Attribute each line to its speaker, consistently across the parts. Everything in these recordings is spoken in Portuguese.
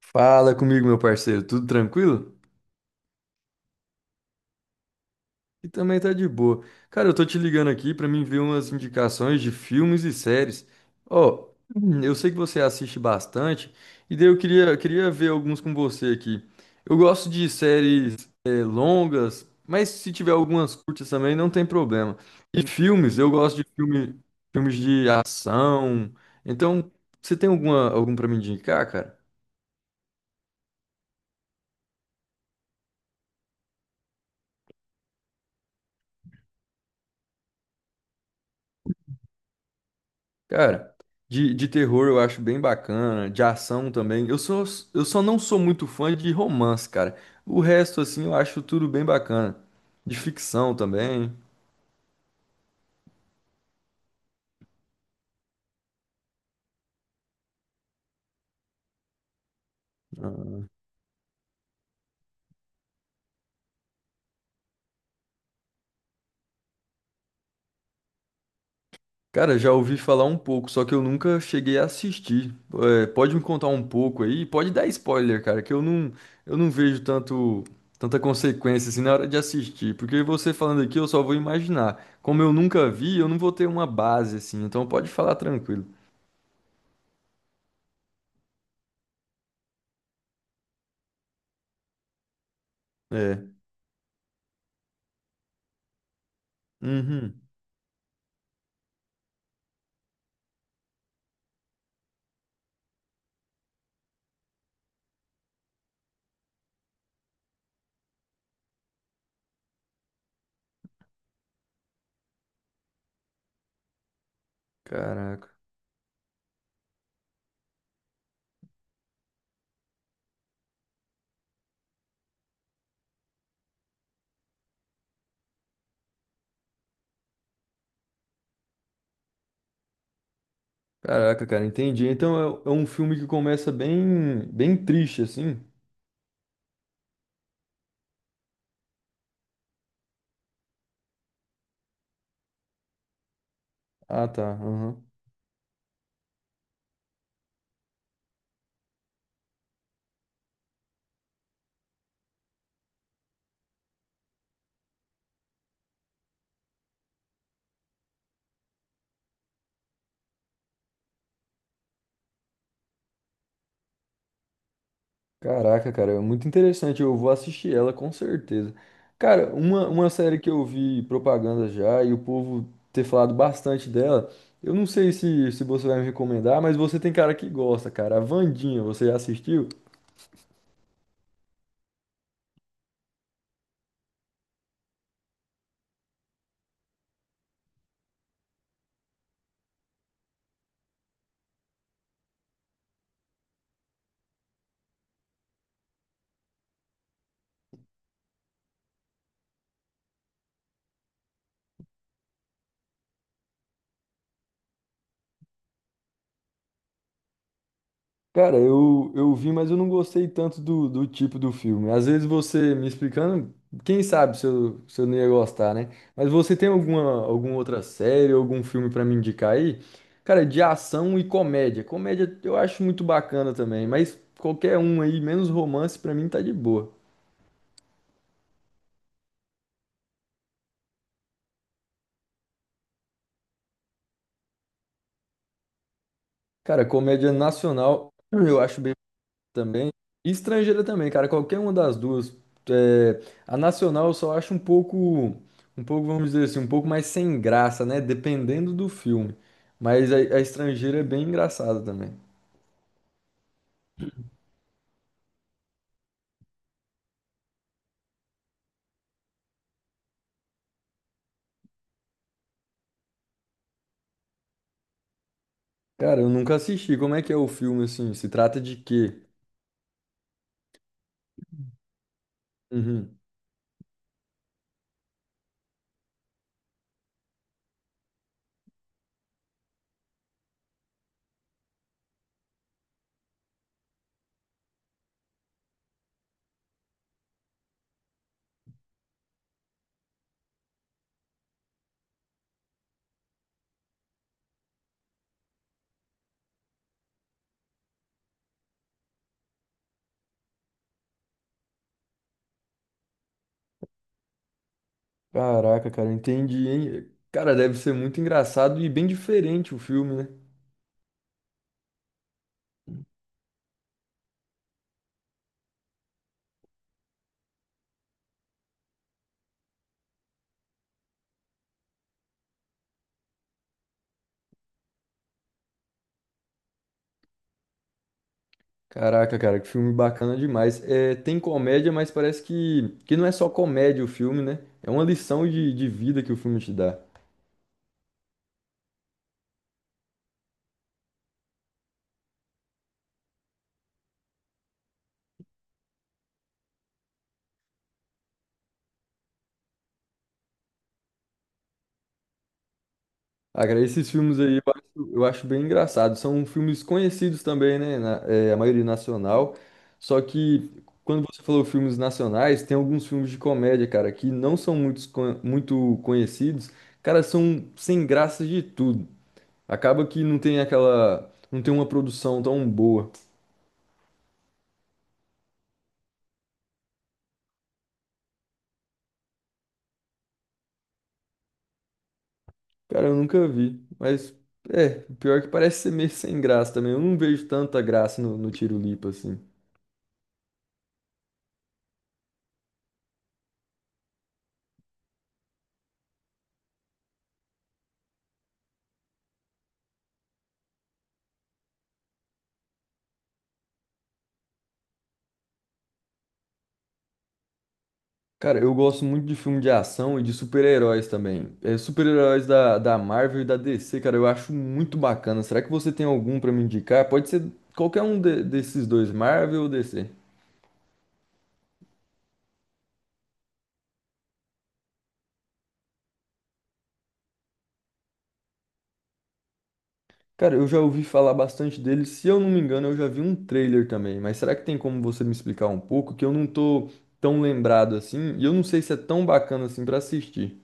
Speaker 1: Fala comigo, meu parceiro, tudo tranquilo? E também tá de boa. Cara, eu tô te ligando aqui pra mim ver umas indicações de filmes e séries. Ó, eu sei que você assiste bastante, e daí eu queria ver alguns com você aqui. Eu gosto de séries longas, mas se tiver algumas curtas também, não tem problema. E filmes, eu gosto de filme, filmes de ação. Então, você tem algum pra me indicar, cara? Cara, de terror eu acho bem bacana, de ação também. Eu só não sou muito fã de romance, cara. O resto, assim, eu acho tudo bem bacana. De ficção também. Cara, já ouvi falar um pouco, só que eu nunca cheguei a assistir. É, pode me contar um pouco aí? Pode dar spoiler, cara, que eu não vejo tanto, tanta consequência assim na hora de assistir. Porque você falando aqui, eu só vou imaginar. Como eu nunca vi, eu não vou ter uma base assim. Então pode falar tranquilo. É. Uhum. Caraca. Caraca, cara, entendi. Então é um filme que começa bem, bem triste, assim. Ah, tá. Aham. Caraca, cara, é muito interessante. Eu vou assistir ela com certeza. Cara, uma série que eu vi propaganda já e o povo ter falado bastante dela. Eu não sei se você vai me recomendar, mas você tem cara que gosta, cara. A Vandinha, você já assistiu? Cara, eu vi, mas eu não gostei tanto do tipo do filme. Às vezes você me explicando, quem sabe se eu não ia gostar, né? Mas você tem alguma outra série, algum filme pra me indicar aí? Cara, de ação e comédia. Comédia eu acho muito bacana também, mas qualquer um aí, menos romance, pra mim tá de boa. Cara, comédia nacional eu acho também. E estrangeira também, cara. Qualquer uma das duas. É, a nacional eu só acho um pouco, vamos dizer assim, um pouco mais sem graça, né? Dependendo do filme. Mas a estrangeira é bem engraçada também. Cara, eu nunca assisti. Como é que é o filme, assim? Se trata de quê? Uhum. Caraca, cara, entendi, hein? Cara, deve ser muito engraçado e bem diferente o filme, né? Caraca, cara, que filme bacana demais. É, tem comédia, mas parece que não é só comédia o filme, né? É uma lição de vida que o filme te dá. Ah, cara, esses filmes aí eu acho bem engraçado. São filmes conhecidos também, né? Na- é, a maioria nacional. Só que quando você falou filmes nacionais, tem alguns filmes de comédia, cara, que não são muito conhecidos. Cara, são sem graça de tudo. Acaba que não tem aquela, não tem uma produção tão boa. Cara, eu nunca vi. Mas, é, pior é que parece ser meio sem graça também. Eu não vejo tanta graça no Tiro Lipa, assim. Cara, eu gosto muito de filme de ação e de super-heróis também. É, super-heróis da Marvel e da DC, cara, eu acho muito bacana. Será que você tem algum pra me indicar? Pode ser qualquer um de- desses dois, Marvel ou DC. Cara, eu já ouvi falar bastante dele. Se eu não me engano, eu já vi um trailer também. Mas será que tem como você me explicar um pouco? Que eu não tô tão lembrado assim. E eu não sei se é tão bacana assim pra assistir.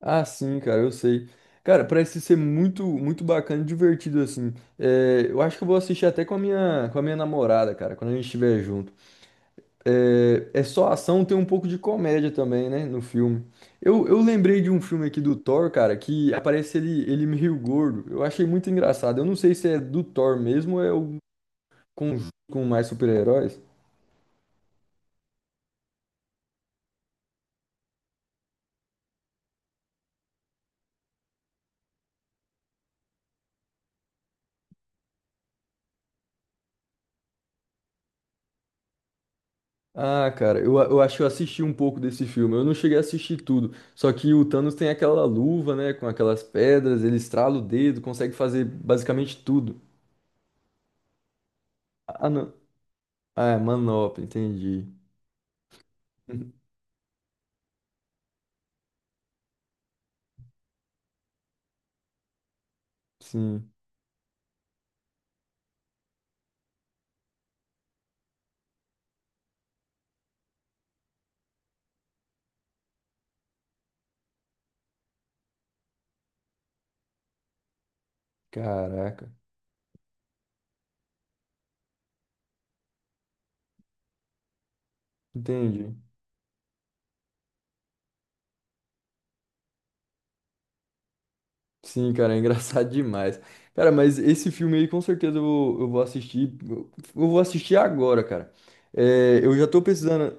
Speaker 1: Ah, sim, cara, eu sei. Cara, parece ser muito bacana e divertido, assim. É, eu acho que eu vou assistir até com a com a minha namorada, cara, quando a gente estiver junto. É, é só ação, tem um pouco de comédia também, né, no filme. Eu lembrei de um filme aqui do Thor, cara, que aparece ele, ele meio gordo. Eu achei muito engraçado. Eu não sei se é do Thor mesmo ou é o conjunto com mais super-heróis. Ah, cara, eu acho que eu assisti um pouco desse filme. Eu não cheguei a assistir tudo. Só que o Thanos tem aquela luva, né? Com aquelas pedras, ele estrala o dedo, consegue fazer basicamente tudo. Ah, não. Ah, é manopla, entendi. Sim, caraca. Entendi. Sim, cara, é engraçado demais. Cara, mas esse filme aí com certeza eu vou assistir. Eu vou assistir agora, cara. É, eu já tô precisando.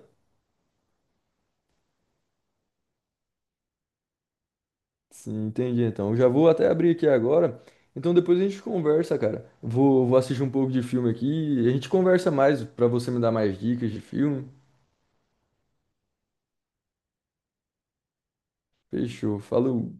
Speaker 1: Sim, entendi. Então, eu já vou até abrir aqui agora. Então, depois a gente conversa, cara. Vou assistir um pouco de filme aqui. A gente conversa mais pra você me dar mais dicas de filme. Fechou. Falou.